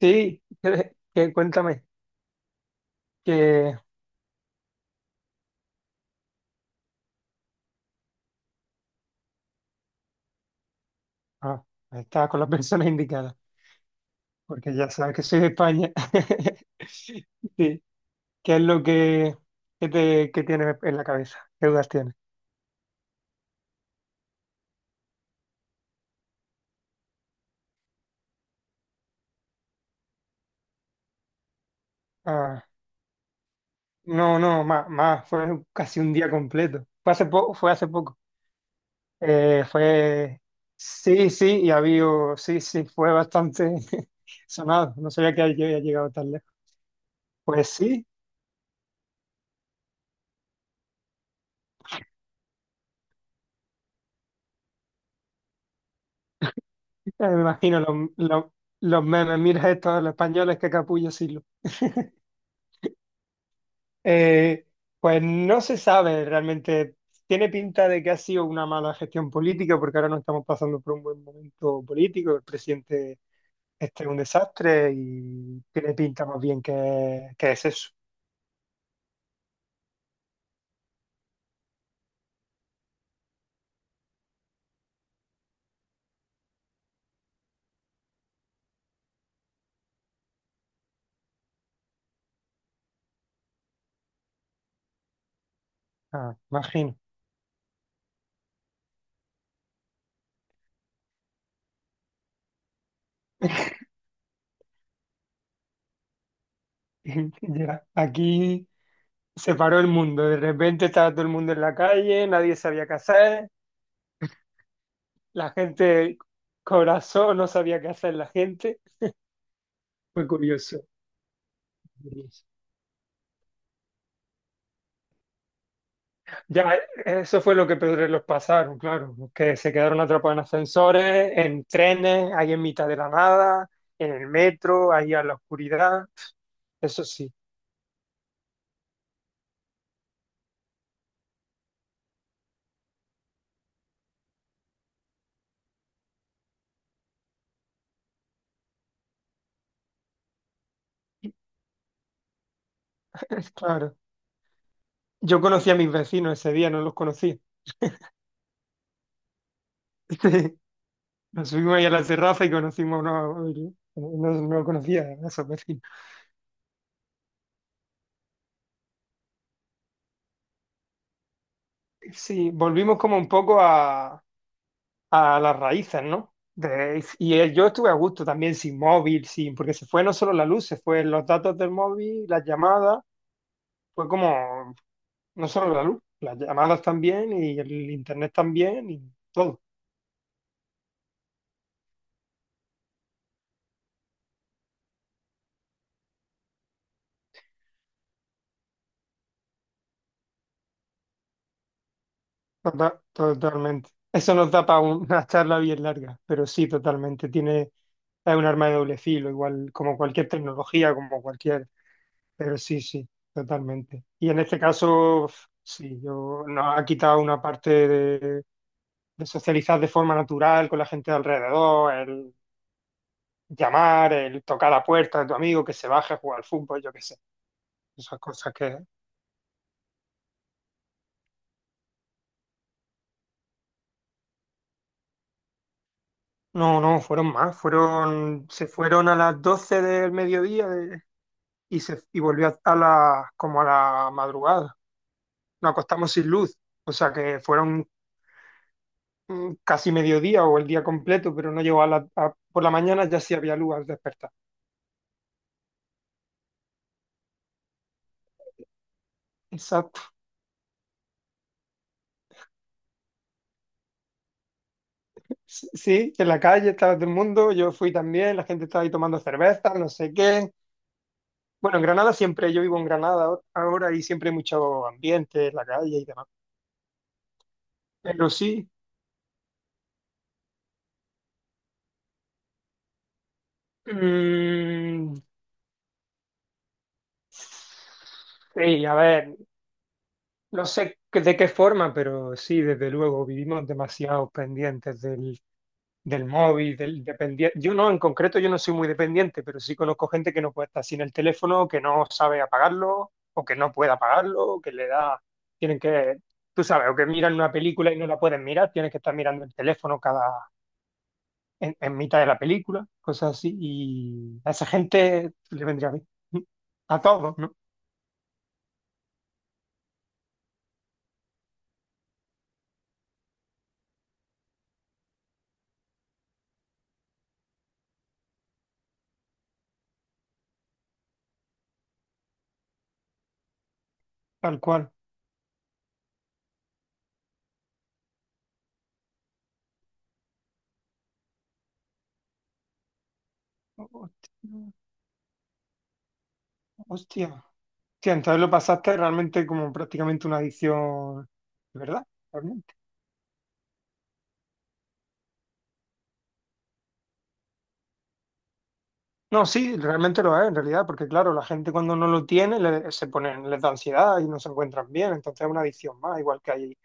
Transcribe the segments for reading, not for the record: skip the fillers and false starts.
Sí, que cuéntame que ah, estaba con las personas indicadas, porque ya sabes que soy de España. Sí, ¿qué es lo que tienes en la cabeza? ¿Qué dudas tienes? Ah, no, no, más, más, fue casi un día completo. Fue hace poco, fue hace poco. Fue, sí, sí, y había, sí, sí, fue bastante sonado. No sabía que había llegado tan lejos. Pues sí. Me imagino los memes, mira estos, los españoles, que capullo Silo. Eh, pues no se sabe realmente. Tiene pinta de que ha sido una mala gestión política, porque ahora no estamos pasando por un buen momento político. El presidente este es un desastre y tiene pinta más bien que es eso. Ah, imagino. Ya, aquí se paró el mundo. De repente estaba todo el mundo en la calle, nadie sabía qué hacer. La gente, corazón, no sabía qué hacer la gente. Fue curioso, curioso. Ya, eso fue lo que peores los pasaron, claro, que se quedaron atrapados en ascensores, en trenes, ahí en mitad de la nada, en el metro, ahí a la oscuridad. Eso sí, claro. Yo conocí a mis vecinos ese día, no los conocía. Nos subimos ahí a la terraza y conocimos a uno, no, no conocía a esos vecinos. Sí, volvimos como un poco a las raíces, ¿no? Y yo estuve a gusto también sin móvil, sin, porque se fue no solo la luz, se fue los datos del móvil, las llamadas, fue como, no solo la luz, las llamadas también y el internet también y todo. Totalmente. Eso nos da para una charla bien larga, pero sí, totalmente. Tiene, es un arma de doble filo, igual como cualquier tecnología, como cualquier, pero sí, sí, totalmente. Y en este caso, sí, yo, nos ha quitado una parte de socializar de forma natural con la gente de alrededor, el llamar, el tocar la puerta de tu amigo, que se baje a jugar al fútbol, yo qué sé. Esas cosas que. No, no, fueron más. Fueron, se fueron a las 12 del mediodía y volvió como a la madrugada. Nos acostamos sin luz. O sea que fueron casi mediodía o el día completo, pero no llegó. Por la mañana ya sí había luz al despertar. Esa Sí, en la calle estaba todo el mundo, yo fui también, la gente estaba ahí tomando cerveza, no sé qué. Bueno, en Granada siempre, yo vivo en Granada ahora ahora y siempre hay mucho ambiente en la calle y demás. Pero sí, mm, sí, a ver, no sé de qué forma, pero sí, desde luego, vivimos demasiado pendientes del móvil, del dependiente. Yo no, en concreto, yo no soy muy dependiente, pero sí conozco gente que no puede estar sin el teléfono, que no sabe apagarlo, o que no puede apagarlo, o que le da, tienen que, tú sabes, o que miran una película y no la pueden mirar, tienes que estar mirando el teléfono cada, en mitad de la película, cosas así, y a esa gente le vendría bien. A todos, ¿no? Tal cual. Hostia, hostia. Hostia, entonces lo pasaste realmente como prácticamente una adicción, ¿verdad? No, sí, realmente lo es en realidad, porque claro, la gente cuando no lo tiene se ponen, les da ansiedad y no se encuentran bien, entonces es una adicción más, igual que hay,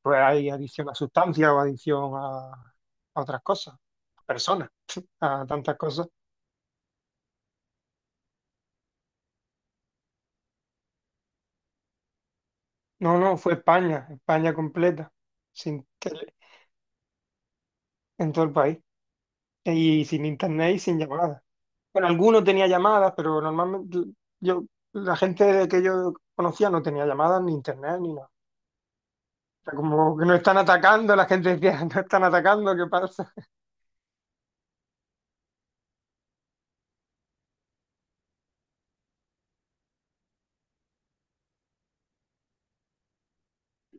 pues hay adicción a sustancias o adicción a otras cosas, a personas, a tantas cosas. No, no, fue España, España completa, sin tele, en todo el país, y sin internet y sin llamadas. Bueno, algunos tenía llamadas, pero normalmente yo, la gente que yo conocía no tenía llamadas ni internet ni nada. Sea, como que no están atacando, la gente decía, no están atacando, ¿qué pasa?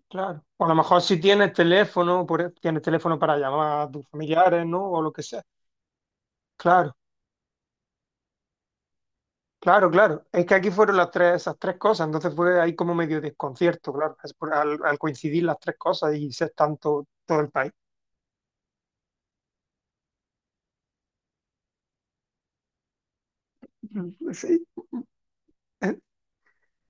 Claro. O a lo mejor si tienes teléfono, tienes teléfono para llamar a tus familiares, ¿no? O lo que sea. Claro, claro, claro. Es que aquí fueron las tres, esas tres cosas, entonces fue ahí como medio desconcierto, claro, es al coincidir las tres cosas y ser tanto todo el país. Sí, eh,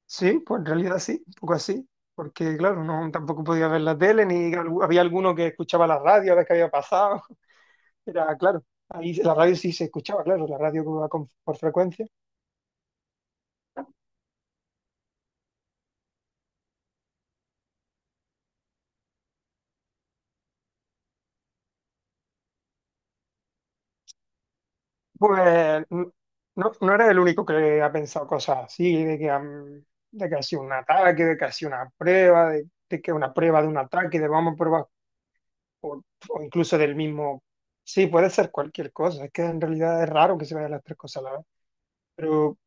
sí, pues en realidad sí, un poco así. Porque claro, no tampoco podía ver la tele, ni había alguno que escuchaba la radio a ver qué había pasado. Era, claro, ahí la radio sí se escuchaba, claro, la radio que va por frecuencia. Pues n- no eres el único que ha pensado cosas así, de que, de que ha sido un ataque, de que ha sido una prueba, de que una prueba de un ataque, de vamos a probar, o, o incluso del mismo. Sí, puede ser cualquier cosa, es que en realidad es raro que se vayan las tres cosas a la vez. Pero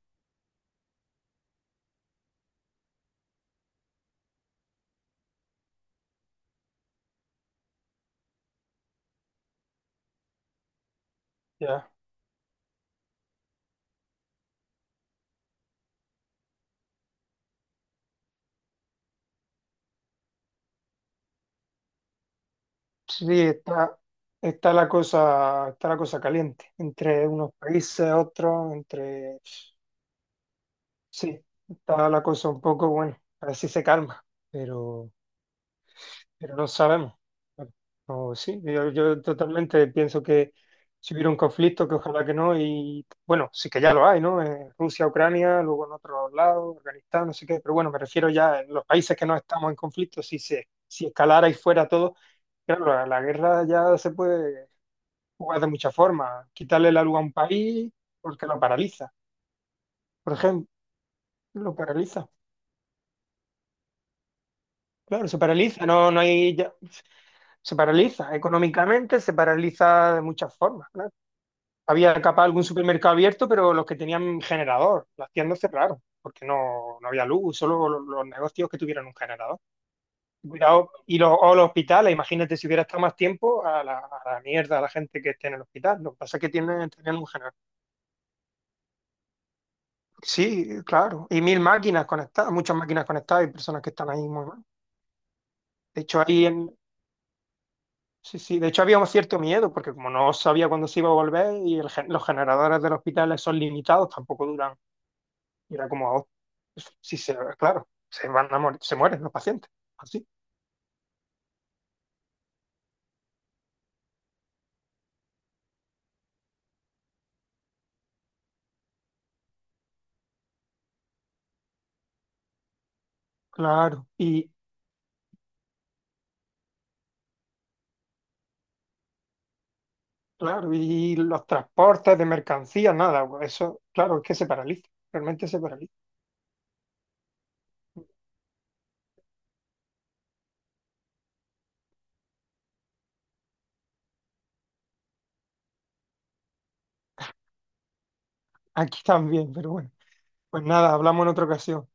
ya, sí, está la cosa caliente entre unos países, otros, entre. Sí, está la cosa un poco, bueno, a ver si se calma, pero, pero no sabemos. Bueno, no, sí, yo totalmente pienso que si hubiera un conflicto, que ojalá que no, y bueno, sí que ya lo hay, ¿no? En Rusia, Ucrania, luego en otros lados, Afganistán, no sé qué, pero bueno, me refiero ya en los países que no estamos en conflicto, si escalara y fuera todo, claro, la guerra ya se puede jugar de muchas formas, quitarle la luz a un país porque lo paraliza, por ejemplo, lo paraliza. Claro, se paraliza, no hay, se paraliza económicamente, se paraliza de muchas formas, claro. Había capaz algún supermercado abierto, pero los que tenían generador, las tiendas cerraron, porque no había luz, solo los negocios que tuvieran un generador. Cuidado, y o los hospitales, imagínate si hubiera estado más tiempo a la mierda, a la gente que esté en el hospital. Lo que pasa es que tienen, tenían un generador. Sí, claro, y mil máquinas conectadas, muchas máquinas conectadas y personas que están ahí muy mal. De hecho, ahí en, sí, sí, de hecho había un cierto miedo, porque como no sabía cuándo se iba a volver y los generadores del hospital son limitados, tampoco duran. Y era como, oh, si se, claro, se van a morir, se mueren los pacientes. Así, claro. Y claro, y los transportes de mercancías, nada, eso, claro, es que se paraliza, realmente se paraliza. Aquí también, pero bueno. Pues nada, hablamos en otra ocasión.